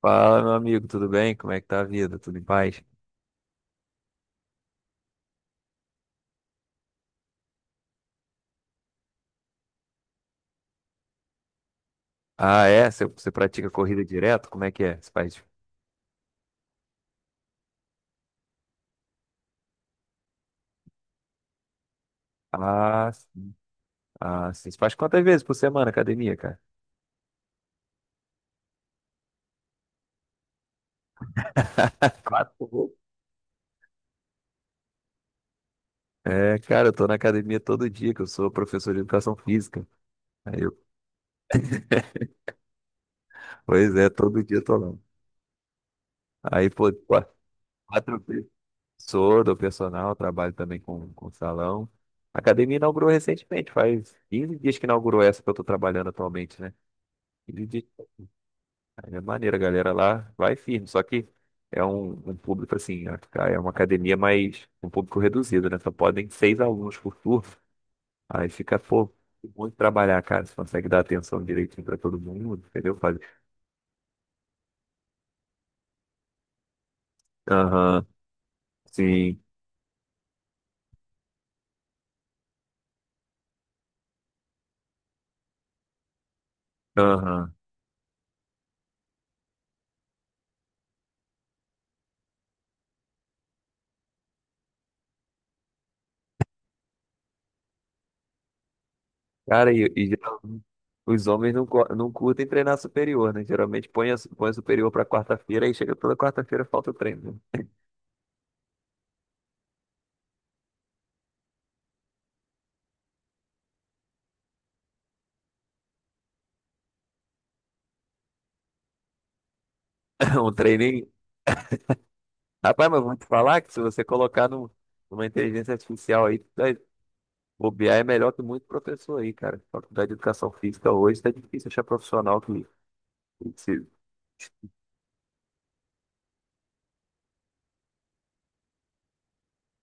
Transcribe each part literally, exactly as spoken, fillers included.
Fala, meu amigo, tudo bem? Como é que tá a vida? Tudo em paz? Ah, é? Você, você pratica corrida direto? Como é que é? Você faz... Ah, sim. Ah, sim. Você faz quantas vezes por semana academia, cara? Quatro. É, cara, eu tô na academia todo dia, que eu sou professor de educação física. Aí eu... Pois é, todo dia eu tô lá. Aí, pô, qua- quatro vezes. Sou do personal, trabalho também com, com salão. A academia inaugurou recentemente, faz quinze dias que inaugurou essa que eu tô trabalhando atualmente, né? quinze dias. Aí é maneiro, a galera lá vai firme, só que é um, um público assim, a- a- é uma academia mais um público reduzido, né? Só podem seis alunos por turno. Aí fica, pô, muito trabalhar, cara. Você consegue dar atenção direitinho pra todo mundo, entendeu? Faz- Aham, sim, aham. Cara, e, e geralmente os homens não, co- não curtem treinar superior, né? Geralmente põe, a, su- põe a superior pra quarta-feira, aí chega toda quarta-feira falta o treino, né? Um treininho. Rapaz, mas vou te falar que se você colocar no uma inteligência artificial aí, bobear é melhor que muito professor aí, cara. Faculdade de Educação Física hoje tá difícil achar profissional que precisa.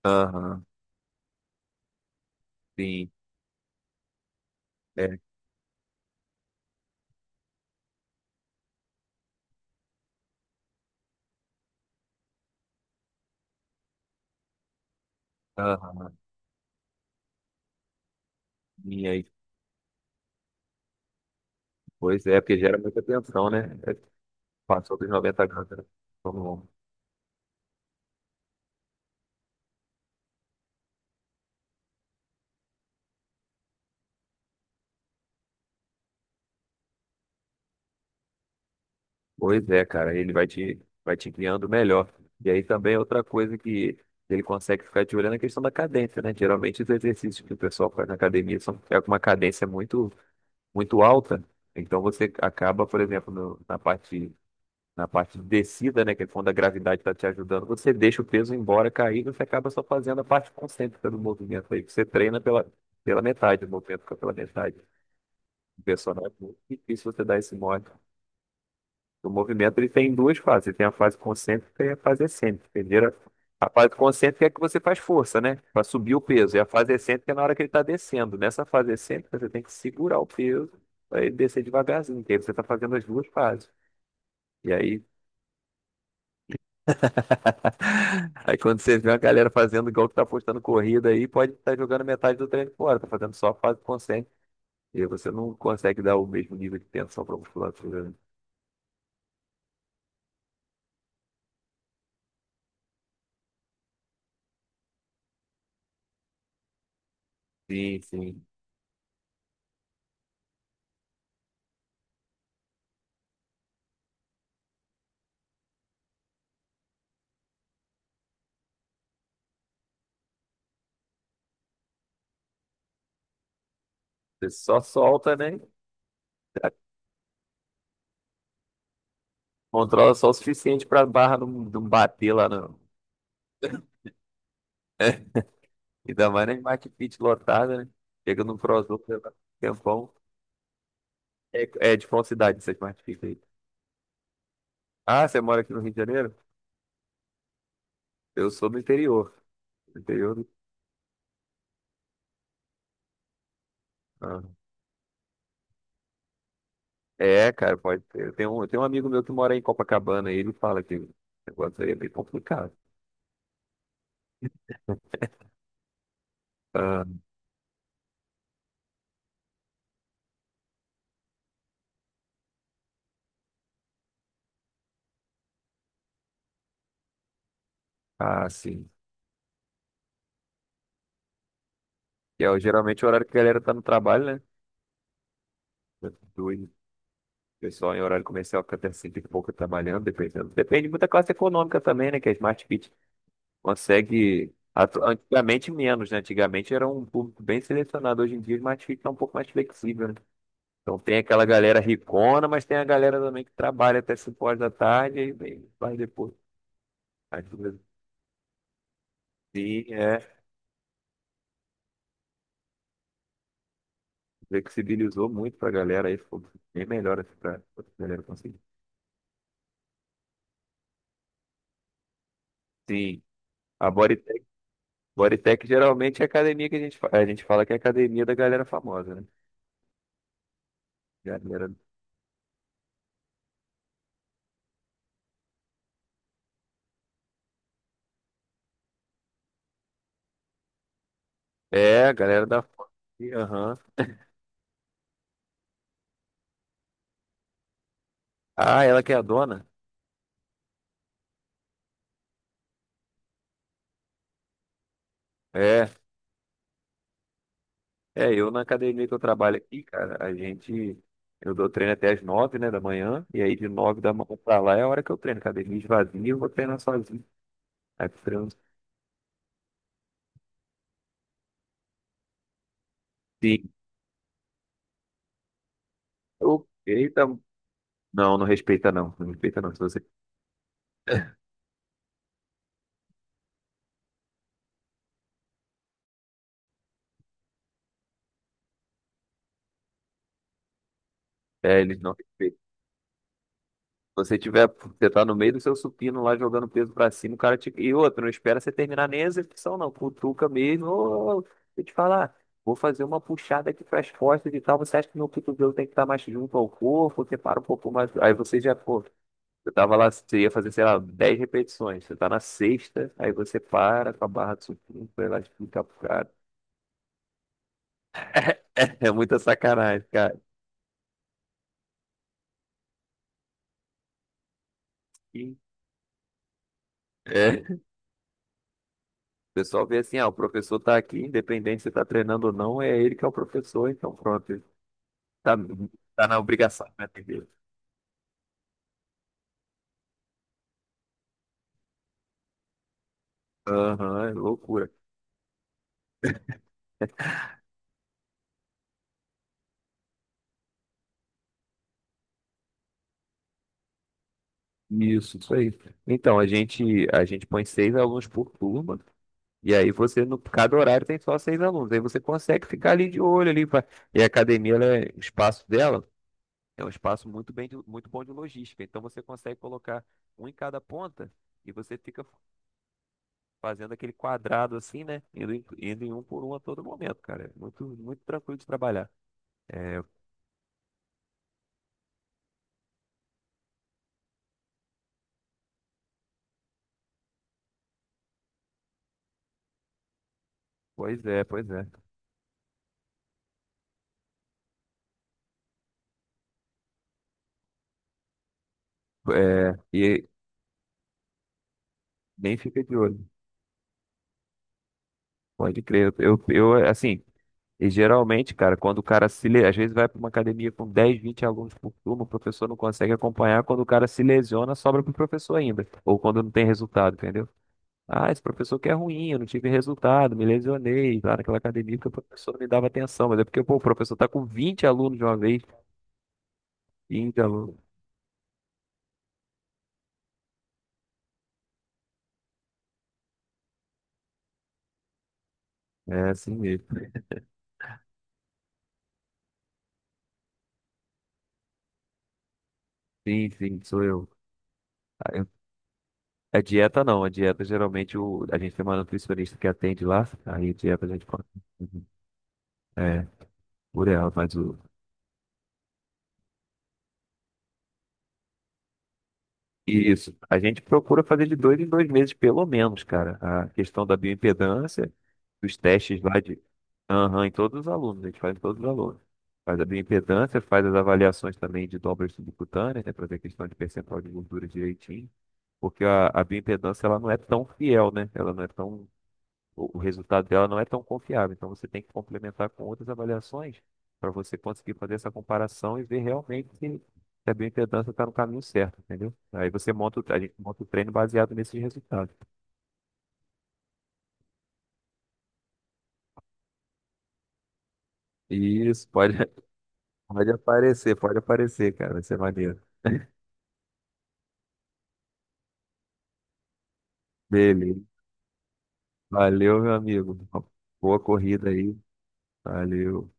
Aham, sim. É, aham, minha aí. Pois é, porque gera muita tensão, né? É, passou dos noventa graus, né? Então, pois é, cara, ele vai te, vai te criando melhor. E aí também é outra coisa que ele consegue ficar de olho é na questão da cadência, né? Geralmente os exercícios que o pessoal faz na academia são é com uma cadência muito, muito alta. Então você acaba, por exemplo, no- na parte, na parte de descida, né, que é quando a gravidade está te ajudando, você deixa o peso embora cair e você acaba só fazendo a parte concêntrica do movimento aí, que você treina pela, pela metade, o movimento fica pela metade. O personal é muito difícil você dar esse mole. O movimento ele tem duas fases, ele tem a fase concêntrica e a fase excêntrica. Primeiro, a fase concêntrica é que você faz força, né, para subir o peso, e a fase excêntrica é na hora que ele está descendo. Nessa fase excêntrica, você tem que segurar o peso para ele descer devagarzinho, que aí você está fazendo as duas fases. E aí, aí quando você vê uma galera fazendo igual que tá postando corrida aí, pode estar jogando metade do treino fora, tá fazendo só a fase consciente. E aí você não consegue dar o mesmo nível de tensão para musculatura, né? Sim, sim. Você só solta, né? Controla só o suficiente para a barra não, não bater lá não. Ainda mais na Smart Fit lotada, né? Chega no Crossover, leva um tempão. É, é de qual cidade essa Smart Fit aí? Ah, você mora aqui no Rio de Janeiro? Eu sou do interior. Do interior do... Ah. É, cara, pode ser. Eu tenho, um- eu tenho um amigo meu que mora em Copacabana e ele fala que o negócio aí é bem complicado. Ah, ah, sim. Que é o- geralmente o horário que a galera tá no trabalho, né? Doido. O pessoal em horário comercial fica até cinco e pouco trabalhando, dependendo. Depende muito da classe econômica também, né? Que a Smart Fit consegue. atu- Antigamente menos, né? Antigamente era um público bem selecionado. Hoje em dia a Smart Fit tá um pouco mais flexível, né? Então tem aquela galera ricona, mas tem a galera também que trabalha até cinco horas da tarde e aí vai depois. Sim, é. Flexibilizou muito pra galera aí, ficou bem melhor assim pra outra galera conseguir. Sim, a Bodytech, Bodytech geralmente é academia que a gente, fa- a gente fala que é academia da galera famosa, né? Galera, é, a galera da. Aham. Ah, ela que é a dona? É, é, eu na academia que eu trabalho aqui, cara, a gente. Eu dou treino até as nove, né, da manhã, e aí de nove da manhã pra lá é a hora que eu treino. Academia esvazia, eu vou treinar sozinho. Aí eu treino. Sim. Eu, eita, não, não respeita não, não respeita não. Se você, é, eles não respeitam. Se você tiver, você tá no meio do seu supino lá jogando peso pra cima, o cara te... E outro, não espera você terminar nem a execução não, cutuca mesmo. Ô, ô, deixa eu te falar, vou fazer uma puxada aqui pras costas e tal, você acha que meu cotovelo tem que estar mais junto ao corpo? Você para um pouco mais... Aí você já, pô, você tava lá, você ia fazer, sei lá, dez repetições, você tá na sexta, aí você para com a barra do supino, vai lá explicar pro cara. É muita sacanagem, cara. É. O pessoal vê assim, ah, o professor tá aqui, independente se tá treinando ou não, é ele que é o professor, então pronto, ele tá, tá na obrigação, né, entendeu? Aham, é loucura. Isso, isso aí. Então, a gente, a gente põe seis alunos por turma, e aí você, no, cada horário tem só seis alunos, aí você consegue ficar ali de olho ali, pra- e a academia, ela é- o espaço dela é um espaço muito bem, de- muito bom de logística, então você consegue colocar um em cada ponta, e você fica fazendo aquele quadrado assim, né? Indo em, indo em um por um a todo momento, cara. É muito, muito tranquilo de trabalhar. É, pois é, pois é. É, e nem fica de olho. Pode crer. Eu, eu, assim, e geralmente, cara, quando o cara se, le- às vezes vai para uma academia com dez, vinte alunos por turma, o professor não consegue acompanhar, quando o cara se lesiona, sobra para o professor ainda, ou quando não tem resultado, entendeu? Ah, esse professor que é ruim, eu não tive resultado, me lesionei lá naquela academia porque o professor não me dava atenção, mas é porque, pô, o professor tá com vinte alunos de uma vez. Íngalo, é assim mesmo. Sim, sim, sou eu. Ah, eu- a dieta não, a dieta geralmente o, a gente tem uma nutricionista que atende lá, aí a dieta a gente faz. Uhum, é, por ela, mas o. Isso. A gente procura fazer de dois em dois meses, pelo menos, cara. A questão da bioimpedância, dos testes lá de. Aham, em todos os alunos, a gente faz em todos os alunos. Faz a bioimpedância, faz as avaliações também de dobras subcutâneas, né, para ver a questão de percentual de gordura direitinho. Porque a, a bioimpedância ela não é tão fiel, né? Ela não é tão, o o resultado dela não é tão confiável. Então você tem que complementar com outras avaliações para você conseguir fazer essa comparação e ver realmente se, se a bioimpedância está no caminho certo, entendeu? Aí você monta, o- a gente monta o treino baseado nesses resultados. Isso, pode, pode aparecer, pode aparecer, cara. Vai ser maneiro. Beleza. Valeu, meu amigo. Boa corrida aí. Valeu.